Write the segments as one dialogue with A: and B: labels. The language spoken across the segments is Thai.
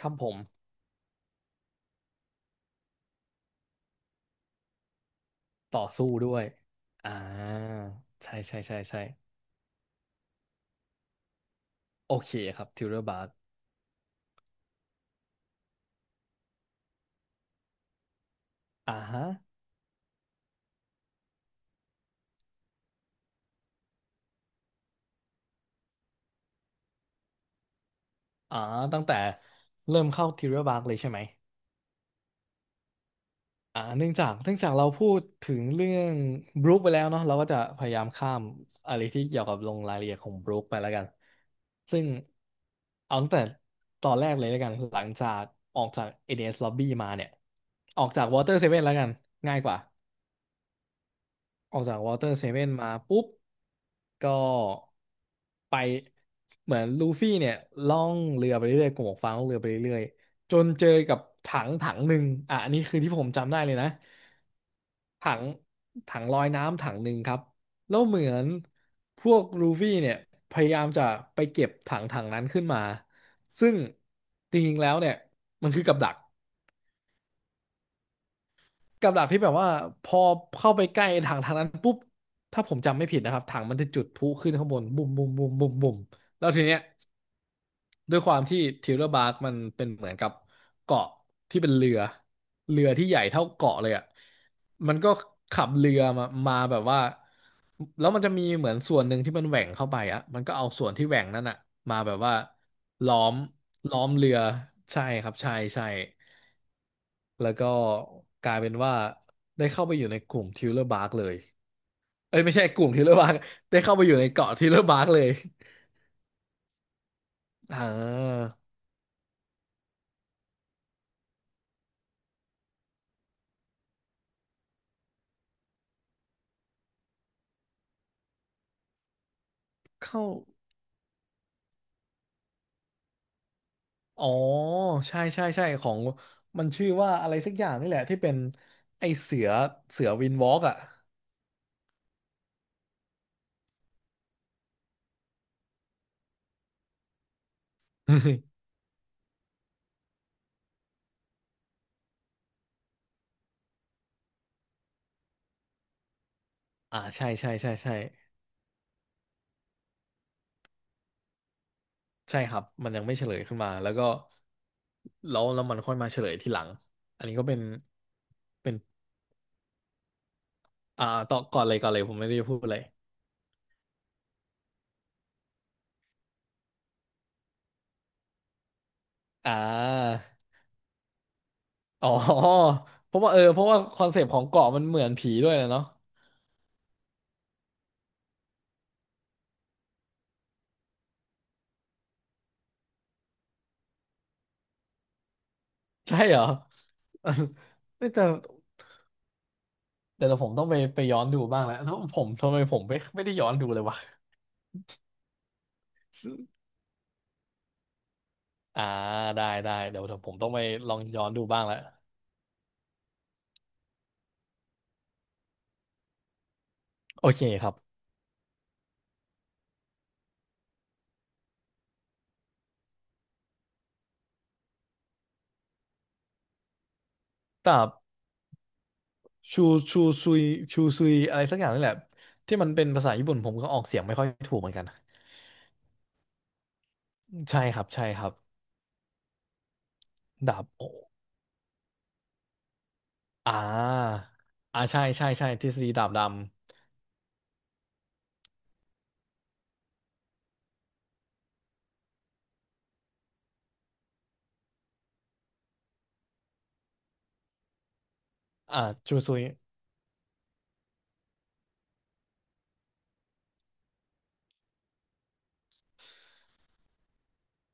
A: ครับผมต่อสู้ด้วยอ่าใช่ใช่ใช่ใช่โอเคครับทิวเ e อร์บาร์กอ่าฮะอ่าตั้งแต่เริ่มเข้าทิวเ e อร์บาร์กเลยใช่ไหมอ่าเนื่องจากเราพูดถึงเรื่องบรูคไปแล้วเนาะเราก็จะพยายามข้ามอะไรที่เกี่ยวกับลงรายละเอียดของบรูคไปแล้วกันซึ่งเอาตั้งแต่ตอนแรกเลยแล้วกันหลังจากออกจาก ADS Lobby มาเนี่ยออกจาก Water Seven แล้วกันง่ายกว่า ออกจากวอเตอร์เซเว่นมาปุ๊บก็ไปเหมือนลูฟี่เนี่ยล่องเรือไปเรื่อยๆกลุ่มหมวกฟางล่องเรือไปเรื่อยๆจนเจอกับถังหนึ่งอ่ะอันนี้คือที่ผมจำได้เลยนะถังถังลอยน้ำถังหนึ่งครับแล้วเหมือนพวกลูฟี่เนี่ยพยายามจะไปเก็บถังถังนั้นขึ้นมาซึ่งจริงๆแล้วเนี่ยมันคือกับดัก กับดักที่แบบว่าพอเข้าไปใกล้ถังทางนั้นปุ๊บถ้าผมจำไม่ผิดนะครับถังมันจะจุดพลุขึ้นข้างบนบุ่มบุ่มบุ่มบุ่มบุ่มแล้วทีเนี้ยด้วยความที่ทิวเลอร์บาร์กมันเป็นเหมือนกับเกาะที่เป็นเรือเรือที่ใหญ่เท่าเกาะเลยอ่ะมันก็ขับเรือมาแบบว่าแล้วมันจะมีเหมือนส่วนหนึ่งที่มันแหว่งเข้าไปอ่ะมันก็เอาส่วนที่แหว่งนั่นอ่ะมาแบบว่าล้อมล้อมเรือใช่ครับใช่ใช่ แล้วก็กลายเป็นว่าได้เข้าไปอยู่ในกลุ่มทิวเลอร์บาร์กเลยเอ้ยไม่ใช่กลุ่มทิวเลอร์บาร์กได้เข้าไปอยู่ในเกาะทิวเลอร์บาร์กเลยอ่าเข้าอ๋อใช่ใช่ใช่ของมันชื่อว่าอะไรสักอย่างนี่แหละที่เป็นไอเสือเสือวินวอล์กอ่ะ อ่าใช่ใช่ใช่ใช่ใช่ครับมันยังไม่เฉลยขึ้นมาแล้วก็แล้วมันค่อยมาเฉลยทีหลังอันนี้ก็เป็นเป็นอ่าต่อก่อนเลยก่อนเลยผมไม่ได้พูดอะไรอ่า อ๋อเพราะว่าเออเพราะว่าคอนเซปต์ของเกาะมันเหมือนผีด้วยนะเนาะ ใช่เหรอ ไม่แต่แต่เดี๋ยวผมต้องไปย้อนดูบ้างแล้วแล้วผมทำไมผมไม่ไม่ได้ย้อนดูเลยวะ อ่าได้ได้เดี๋ยวผมต้องไปลองย้อนดูบ้างแล้วโอเคครับแต่ชูชูซุยชูซุยอะไรสักอย่างนี่แหละที่มันเป็นภาษาญี่ปุ่นผมก็ออกเสียงไม่ค่อยถูกเหมือนกันใช่ครับใช่ครับดาบโออ่าอ่าใช่ใช่ใช่ทฤษฎีดาบดำอ่าชูซุย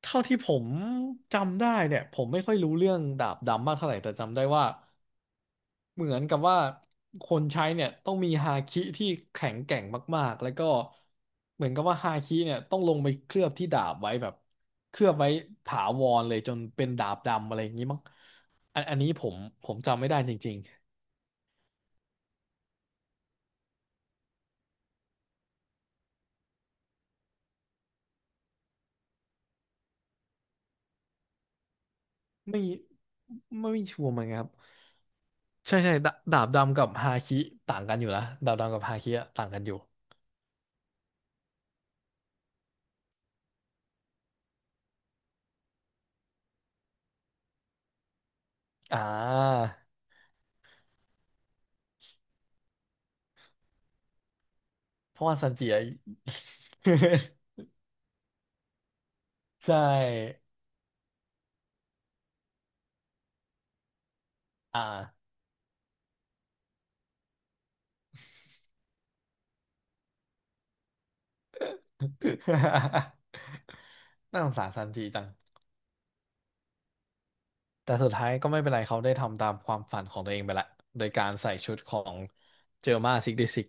A: เท่าที่ผมจำได้เนี่ยผมไม่ค่อยรู้เรื่องดาบดำมากเท่าไหร่แต่จำได้ว่าเหมือนกับว่าคนใช้เนี่ยต้องมีฮาคิที่แข็งแกร่งมากๆแล้วก็เหมือนกับว่าฮาคิเนี่ยต้องลงไปเคลือบที่ดาบไว้แบบเคลือบไว้ถาวรเลยจนเป็นดาบดำอะไรอย่างนี้มั้งอันนี้ผมจำไม่ได้จริงๆไม่ชัวร์เหมือนกันครับใช่ใช่ดาบดำกับฮาคิต่างกันอยู่นะดาบดำกับฮาคิอะต่างกันอยู่อ่า เพราะว่าซันจิอะ ใช่อ่า น่าสงสารซันจิจัง แต่สุดท้ายก็ไม่เป็นไรเขาได้ทำตามความฝันของตัวเองไปละโดยการใส่ชุดของเจอร์มาซิกดิซิก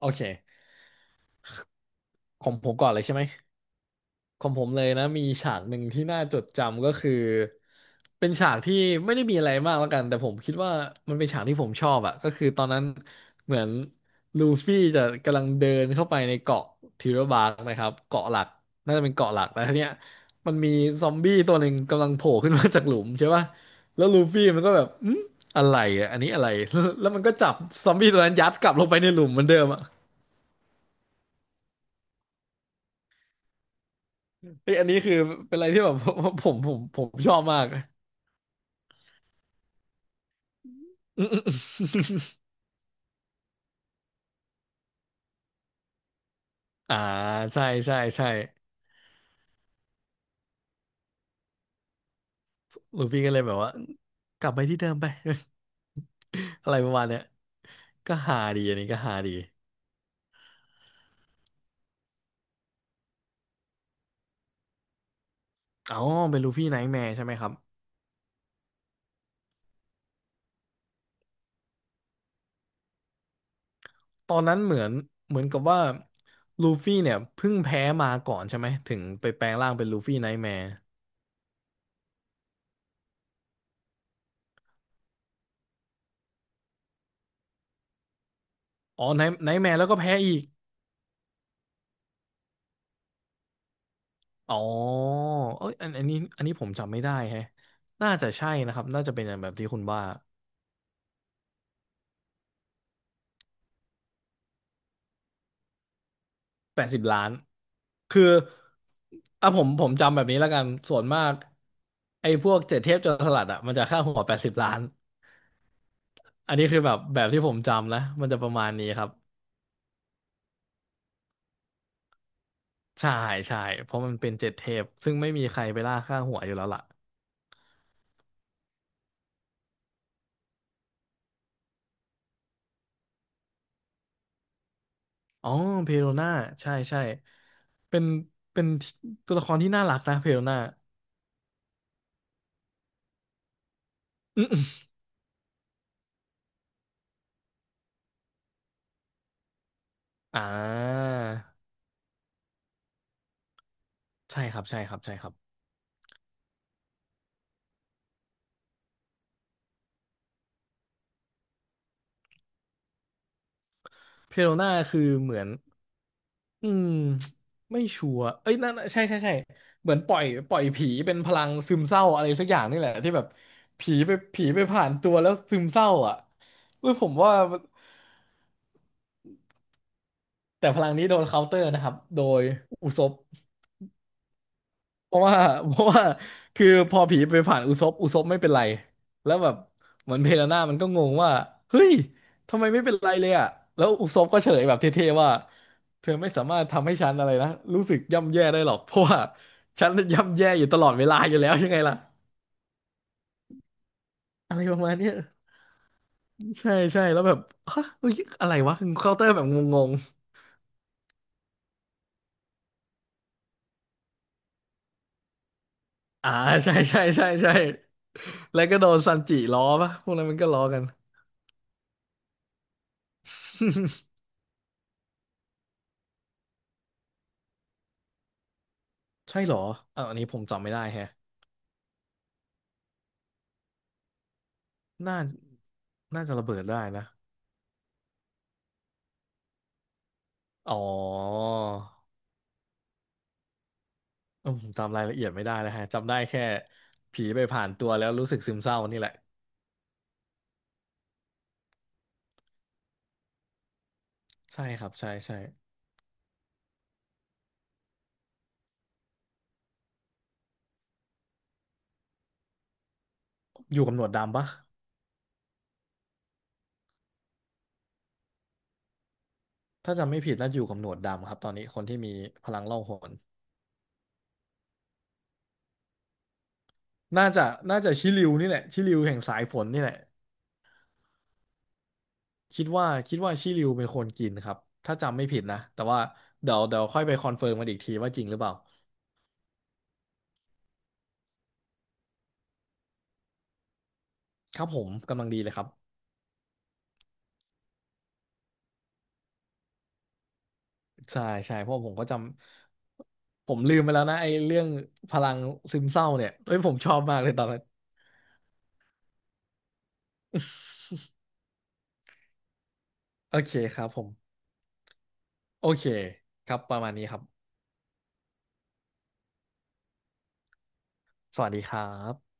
A: โอเคของผมก่อนเลยใช่ไหม ของผมเลยนะมีฉากหนึ่งที่น่าจดจำก็คือเป็นฉากที่ไม่ได้มีอะไรมากแล้วกันแต่ผมคิดว่ามันเป็นฉากที่ผมชอบอะก็คือตอนนั้นเหมือนลูฟี่จะกำลังเดินเข้าไปในเกาะทิรบาร์กนะครับเกาะหลักน่าจะเป็นเกาะหลักแล้วทีเนี้ยมันมีซอมบี้ตัวหนึ่งกำลังโผล่ขึ้นมาจากหลุมใช่ป่ะแล้วลูฟี่มันก็แบบอืมอะไรอะอันนี้อะไรแล้ว แล้วมันก็จับซอมบี้ตัวนั้นยัดกลับลงไปในหลุมเหมือนเดิมอะเอ้ยอันนี้คือเป็นอะไรที่แบบ ผมชอบมาก อืมอมอืมอ่าใช่ใช่ใช่ลูฟี่ก็เลยแบบว่ากลับไปที่เดิมไป อะไรประมาณเนี้ยก็หาดีอันนี้ก็หาดีอ๋อเป็นลูฟี่ไนท์แมร์ใช่ไหมครับตอนนั้นเหมือนเหมือนกับว่าลูฟี่เนี่ยเพิ่งแพ้มาก่อนใช่ไหมถึงไปแปลงร่างเป็นลูฟี่ไนท์แมร์อ๋อไนท์แมร์แล้วก็แพ้อีกอ๋อเอ้ยอันนี้ผมจำไม่ได้แฮะน่าจะใช่นะครับน่าจะเป็นอย่างแบบที่คุณว่า80 ล้าน คือผมจำแบบนี้แล้วกันส่วนมากไอ้พวกเจ็ดเทพโจรสลัดอ่ะมันจะค่าหัว80,000,000อันนี้คือแบบที่ผมจำนะมันจะประมาณนี้ครับใช่ใช่เพราะมันเป็นเจ็ดเทพซึ่งไม่มีใครไปล่าค่าหัวอยู่แล้วล่ะอ๋อเพโรน่าใช่ใช่เป็นเป็นตัวละครที่น่ารักนะเพโรน่าอืมๆอ่าใช่ครับใช่ครับใช่ครับเพโรน่าคือเหมือน อืมไม่ชัวร์เอ้ยนั่นใช่ใช่ใช่เหมือนปล่อยผีเป็นพลังซึมเศร้าอะไรสักอย่างนี่แหละที่แบบผีไปผ่านตัวแล้วซึมเศร้าอ่ะเวยผมว่าแต่พลังนี้โดนเคาน์เตอร์นะครับโดยอุซบ เพราะว่า เพราะว่าคือพอผีไปผ่านอุซบไม่เป็นไรแล้วแบบเหมือนเพลาน่ามันก็งงว่าเฮ้ยทำไมไม่เป็นไรเลยอ่ะแล้วอุซบก็เฉลยแบบเท่ๆว่าเธอไม่สามารถทำให้ฉันอะไรนะรู้สึกย่ำแย่ได้หรอกเพราะว่าฉันย่ำแย่อยู่ตลอดเวลาอยู่แล้วยังไงล่ะอะไรประมาณเนี้ยใช่ใช่แล้วแบบฮะเฮ้ยอะไรวะเคาน์เตอร์แบบงงๆอ่าใช่ใช่ใช่ใช่แล้วก็โดนซันจิล้อปะพวกนั้นมันก็ล้อกันใช่เหรออ่ะอันนี้ผมจำไม่ได้แฮะ น่าน่าจะระเบิดได้นะ อ๋อเอืมผมจำรายละเอียดไม่ได้เลยฮะจำได้แค่ผีไปผ่านตัวแล้วรู้สึกซึมเศร้านี่แหละ ใช่ครับ ใช่ใช่ อยู่กับหนวดดำปะถ้าจำไม่ผิดน่าจะอยู่กับหนวดดำครับตอนนี้คนที่มีพลังล่องหนน่าจะน่าจะชิริวนี่แหละชิริวแห่งสายฝนนี่แหละคิดว่าชิริวเป็นคนกินครับถ้าจำไม่ผิดนะแต่ว่าเดี๋ยวค่อยไปคอนเฟิร์มกันอีกทีว่าจริงหรือเปล่าครับผมกำลังดีเลยครับ ใช่ใช่เพราะผมก็จำผมลืมไปแล้วนะไอ้เรื่องพลังซึมเศร้าเนี่ยเอ้ยผมชอบมากเลยตอนนั้นโอเคครับผมโอเคครับประมาณนี้ครับสวัสดีครับ